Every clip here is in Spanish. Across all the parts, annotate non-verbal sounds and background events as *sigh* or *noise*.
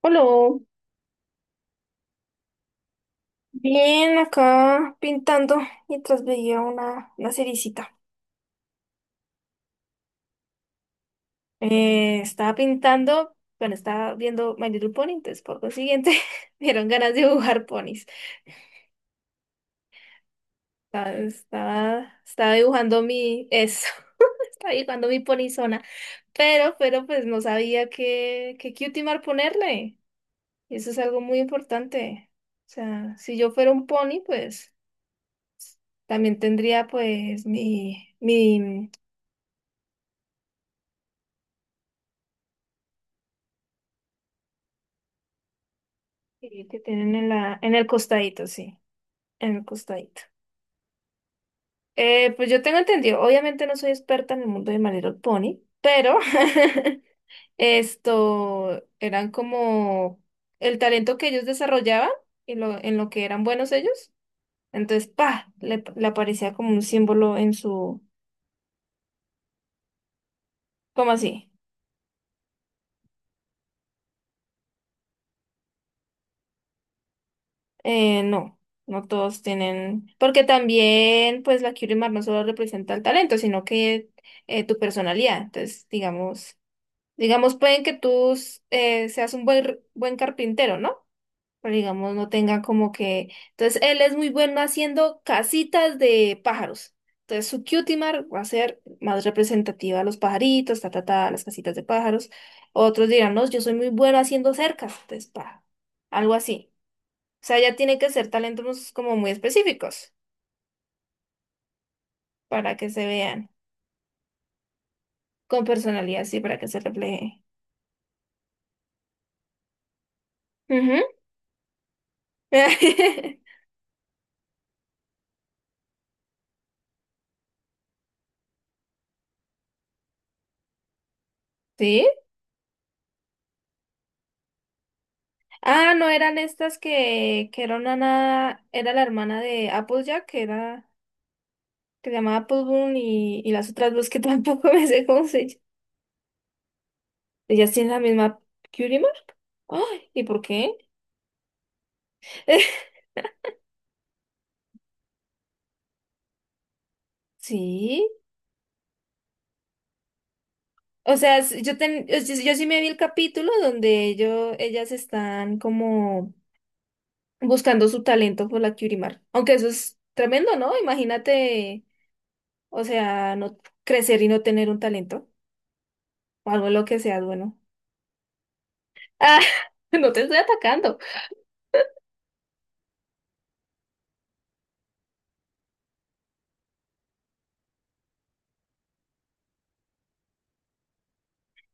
Hola. Bien, acá pintando mientras veía una seriecita. Estaba pintando, bueno, estaba viendo My Little Pony, entonces por consiguiente *laughs* me dieron ganas de dibujar ponis. Estaba dibujando mi, eso, *laughs* estaba dibujando mi ponizona, pero pues no sabía qué cutimar ponerle. Y eso es algo muy importante. O sea, si yo fuera un pony, pues también tendría pues mi sí, que tienen en el costadito, sí, en el costadito. Pues yo tengo entendido, obviamente no soy experta en el mundo de My Little Pony, pero *laughs* esto eran como el talento que ellos desarrollaban y lo que eran buenos ellos. Entonces, pa, le aparecía como un símbolo en su, ¿cómo así? Eh, no, no todos tienen, porque también pues la Curie Mar no solo representa el talento, sino que tu personalidad. Entonces, digamos. Digamos, pueden que tú seas un buen carpintero, ¿no? Pero digamos, no tenga como que... Entonces, él es muy bueno haciendo casitas de pájaros. Entonces, su cutimar va a ser más representativa a los pajaritos, ta, ta, ta, las casitas de pájaros. Otros dirán, no, yo soy muy bueno haciendo cercas. Entonces, pa, algo así. O sea, ya tiene que ser talentos como muy específicos para que se vean con personalidad, sí, para que se refleje. Ujú. *laughs* Sí. Ah, no eran estas que era una nada, era la hermana de Applejack, que era, que se llamaba Appleboom y las otras dos que tampoco *laughs* me sé cómo se llaman. ¿Ellas tienen la misma Curimar? Ay, ¿y por qué? *laughs* Sí. O sea, s- yo, ten- yo, sí yo sí me vi el capítulo donde ello- ellas están como buscando su talento por la Curimar. Aunque eso es tremendo, ¿no? Imagínate, o sea, no crecer y no tener un talento. O algo en lo que seas, bueno. Ah, *laughs* no te estoy atacando.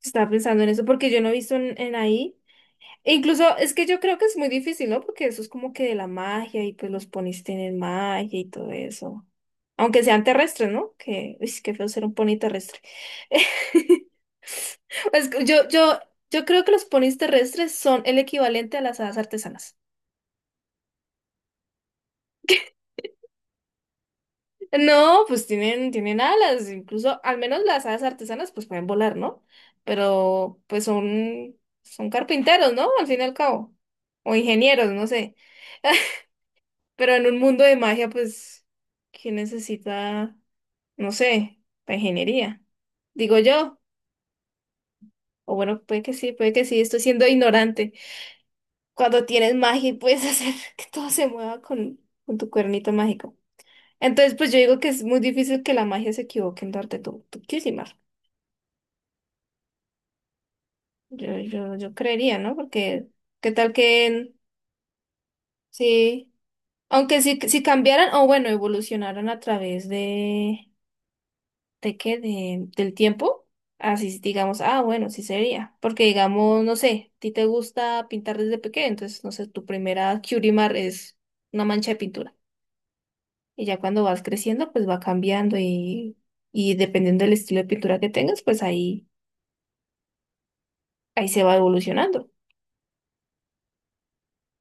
Estaba pensando en eso porque yo no he visto en ahí. E incluso es que yo creo que es muy difícil, ¿no? Porque eso es como que de la magia y pues los ponis tienen magia y todo eso. Aunque sean terrestres, ¿no? Que, uy, qué feo ser un pony terrestre. *laughs* Es que yo creo que los ponis terrestres son el equivalente a las hadas artesanas. No, pues tienen, tienen alas, incluso al menos las alas artesanas pues pueden volar, ¿no? Pero pues son, son carpinteros, ¿no? Al fin y al cabo. O ingenieros, no sé. *laughs* Pero en un mundo de magia, pues, ¿quién necesita, no sé, la ingeniería? Digo yo. O bueno, puede que sí, estoy siendo ignorante. Cuando tienes magia y puedes hacer *laughs* que todo se mueva con tu cuernito mágico. Entonces, pues yo digo que es muy difícil que la magia se equivoque en darte tu Kizimar. Yo creería, ¿no? Porque qué tal que sí, aunque si cambiaran, o bueno, evolucionaran a través ¿de qué? De, del tiempo, así digamos, ah, bueno, sí sería. Porque digamos, no sé, a ti te gusta pintar desde pequeño, entonces, no sé, tu primera Curimar es una mancha de pintura. Y ya cuando vas creciendo, pues va cambiando y dependiendo del estilo de pintura que tengas, pues ahí, ahí se va evolucionando,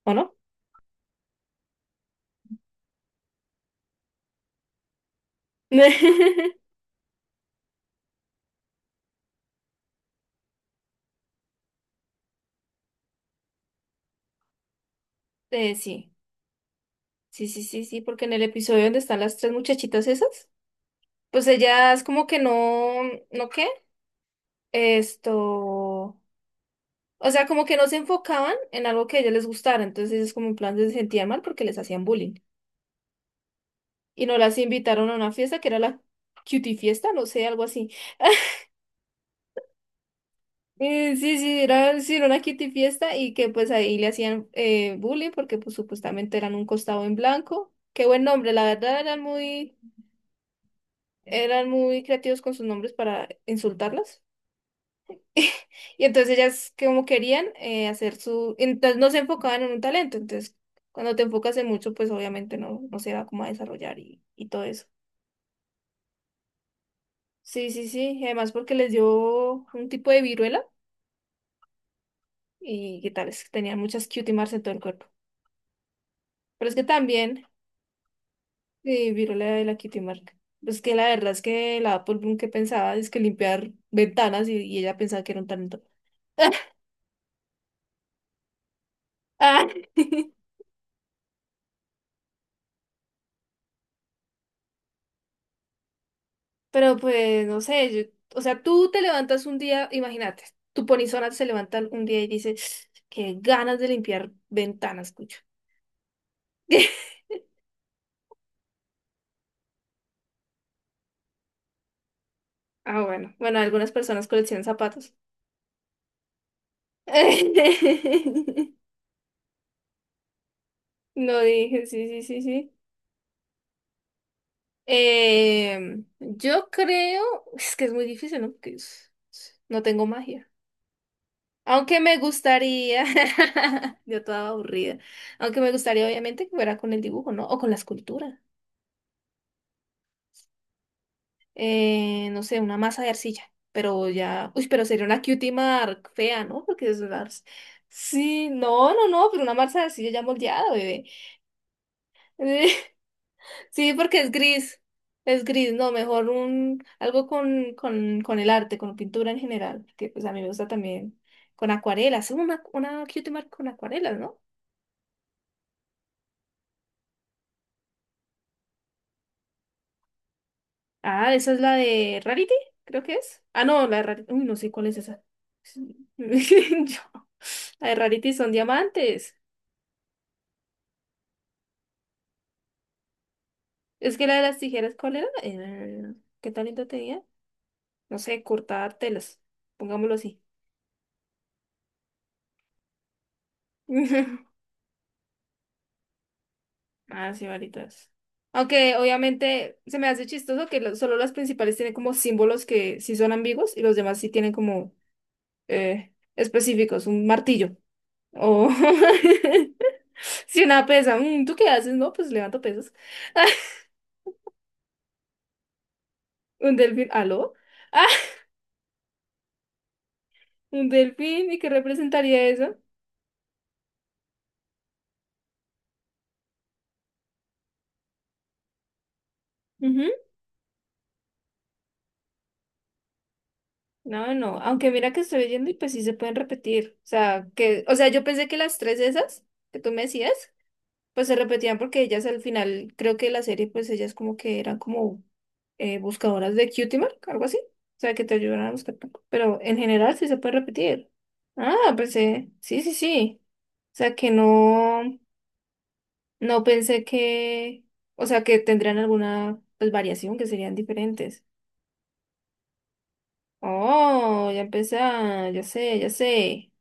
¿o no? *laughs* Sí. Sí, sí, sí, sí, porque en el episodio donde están las tres muchachitas esas, pues ellas como que no, ¿no qué? Esto, o sea, como que no se enfocaban en algo que a ellas les gustara, entonces es como en plan se sentían mal porque les hacían bullying. Y no las invitaron a una fiesta que era la cutie fiesta, no sé, algo así. *laughs* Sí, sí, era una cutie fiesta y que pues ahí le hacían bullying porque pues supuestamente eran un costado en blanco. Qué buen nombre, la verdad eran muy creativos con sus nombres para insultarlas. *laughs* Y entonces ellas como querían hacer su, entonces no se enfocaban en un talento, entonces cuando te enfocas en mucho, pues obviamente no, no se va como a desarrollar y todo eso. Sí, sí, sí, y además porque les dio un tipo de viruela y qué tal, es que tenían muchas cutie marks en todo el cuerpo. Pero es que también, viruela de la cutie mark, pues que la verdad es que la Apple Bloom que pensaba es que limpiar ventanas y ella pensaba que era un talento. Ah. *laughs* Pero pues, no sé, yo- o sea, tú te levantas un día, imagínate, tu polizona se levanta un día y dice, qué ganas de limpiar ventanas, cucho. *laughs* Ah, bueno, bueno, algunas personas coleccionan zapatos. *laughs* No dije, sí, sí, sí, sí. Yo creo, es que es muy difícil, ¿no? Porque es- no tengo magia. Aunque me gustaría, *laughs* yo toda aburrida, aunque me gustaría obviamente que fuera con el dibujo, ¿no? O con la escultura. No sé, una masa de arcilla, pero ya, uy, pero sería una cutie mark fea, ¿no? Porque es una... arc- Sí, no, no, no, pero una masa de arcilla ya moldeada, bebé. *laughs* Sí, porque es gris, no, mejor un, algo con el arte, con pintura en general, que pues a mí me gusta también, con acuarelas, sí, una cutie mark con acuarelas, ¿no? Ah, esa es la de Rarity, creo que es. Ah, no, la de Rarity, uy, no sé cuál es esa. *laughs* Yo- La de Rarity son diamantes. Es que la de las tijeras, ¿cuál era? ¿Qué talento tenía? No sé, cortar telas, pongámoslo así. *laughs* Ah, sí, varitas. Aunque obviamente se me hace chistoso que lo- solo las principales tienen como símbolos que sí son ambiguos y los demás sí tienen como específicos, un martillo o *laughs* si una pesa, "Mm, ¿tú qué haces? No, pues levanto pesas." *laughs* Un delfín, ¿aló? *laughs* Un delfín, ¿y qué representaría eso? No, no, aunque mira que estoy leyendo y pues sí se pueden repetir. O sea, que, o sea, yo pensé que las tres esas que tú me decías, pues se repetían porque ellas al final, creo que la serie, pues ellas como que eran como buscadoras de cutie mark, algo así. O sea, que te ayudan a buscar tu- Pero en general sí se puede repetir. Ah, pensé, sí, sí, sí. O sea, que no, no pensé que, o sea, que tendrían alguna pues, variación, que serían diferentes. Oh, ya empecé, a- ya sé, ya sé.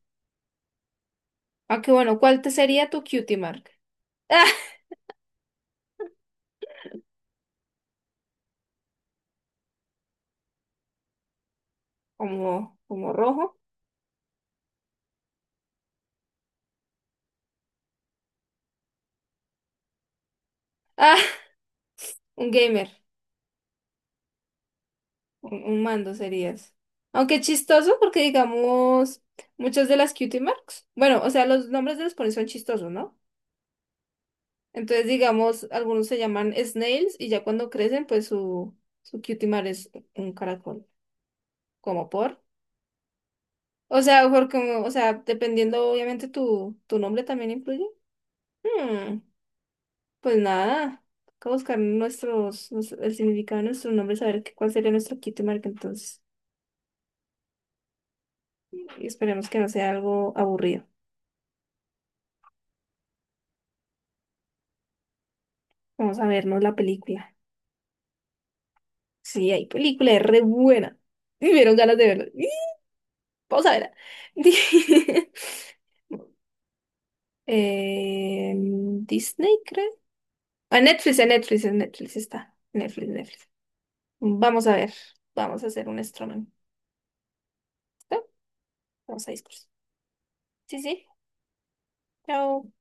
Aunque bueno, ¿cuál te sería tu cutie mark? *laughs* ¡Ah! Como, como rojo. Ah, un gamer. Un mando serías. Aunque chistoso porque digamos, muchas de las cutie marks. Bueno, o sea, los nombres de los ponis son chistosos, ¿no? Entonces, digamos, algunos se llaman snails y ya cuando crecen, pues su cutie mark es un caracol. Como por. O sea, porque, o sea, dependiendo, obviamente, tu nombre también influye. Hmm. Pues nada, toca buscar nuestros, nos- el significado de nuestro nombre, saber qué- cuál sería nuestro kit marca entonces. Y esperemos que no sea algo aburrido. Vamos a vernos la película. Sí, hay película, es re buena. *laughs* Me dieron ganas de verla. *laughs* ¡Y! Vamos a verla. *laughs* Disney, creo. A Netflix, en Netflix está. Netflix, Netflix. Vamos a ver. Vamos a hacer un streaming. ¿Listo? Vamos a discutir. Sí, sí. Chao.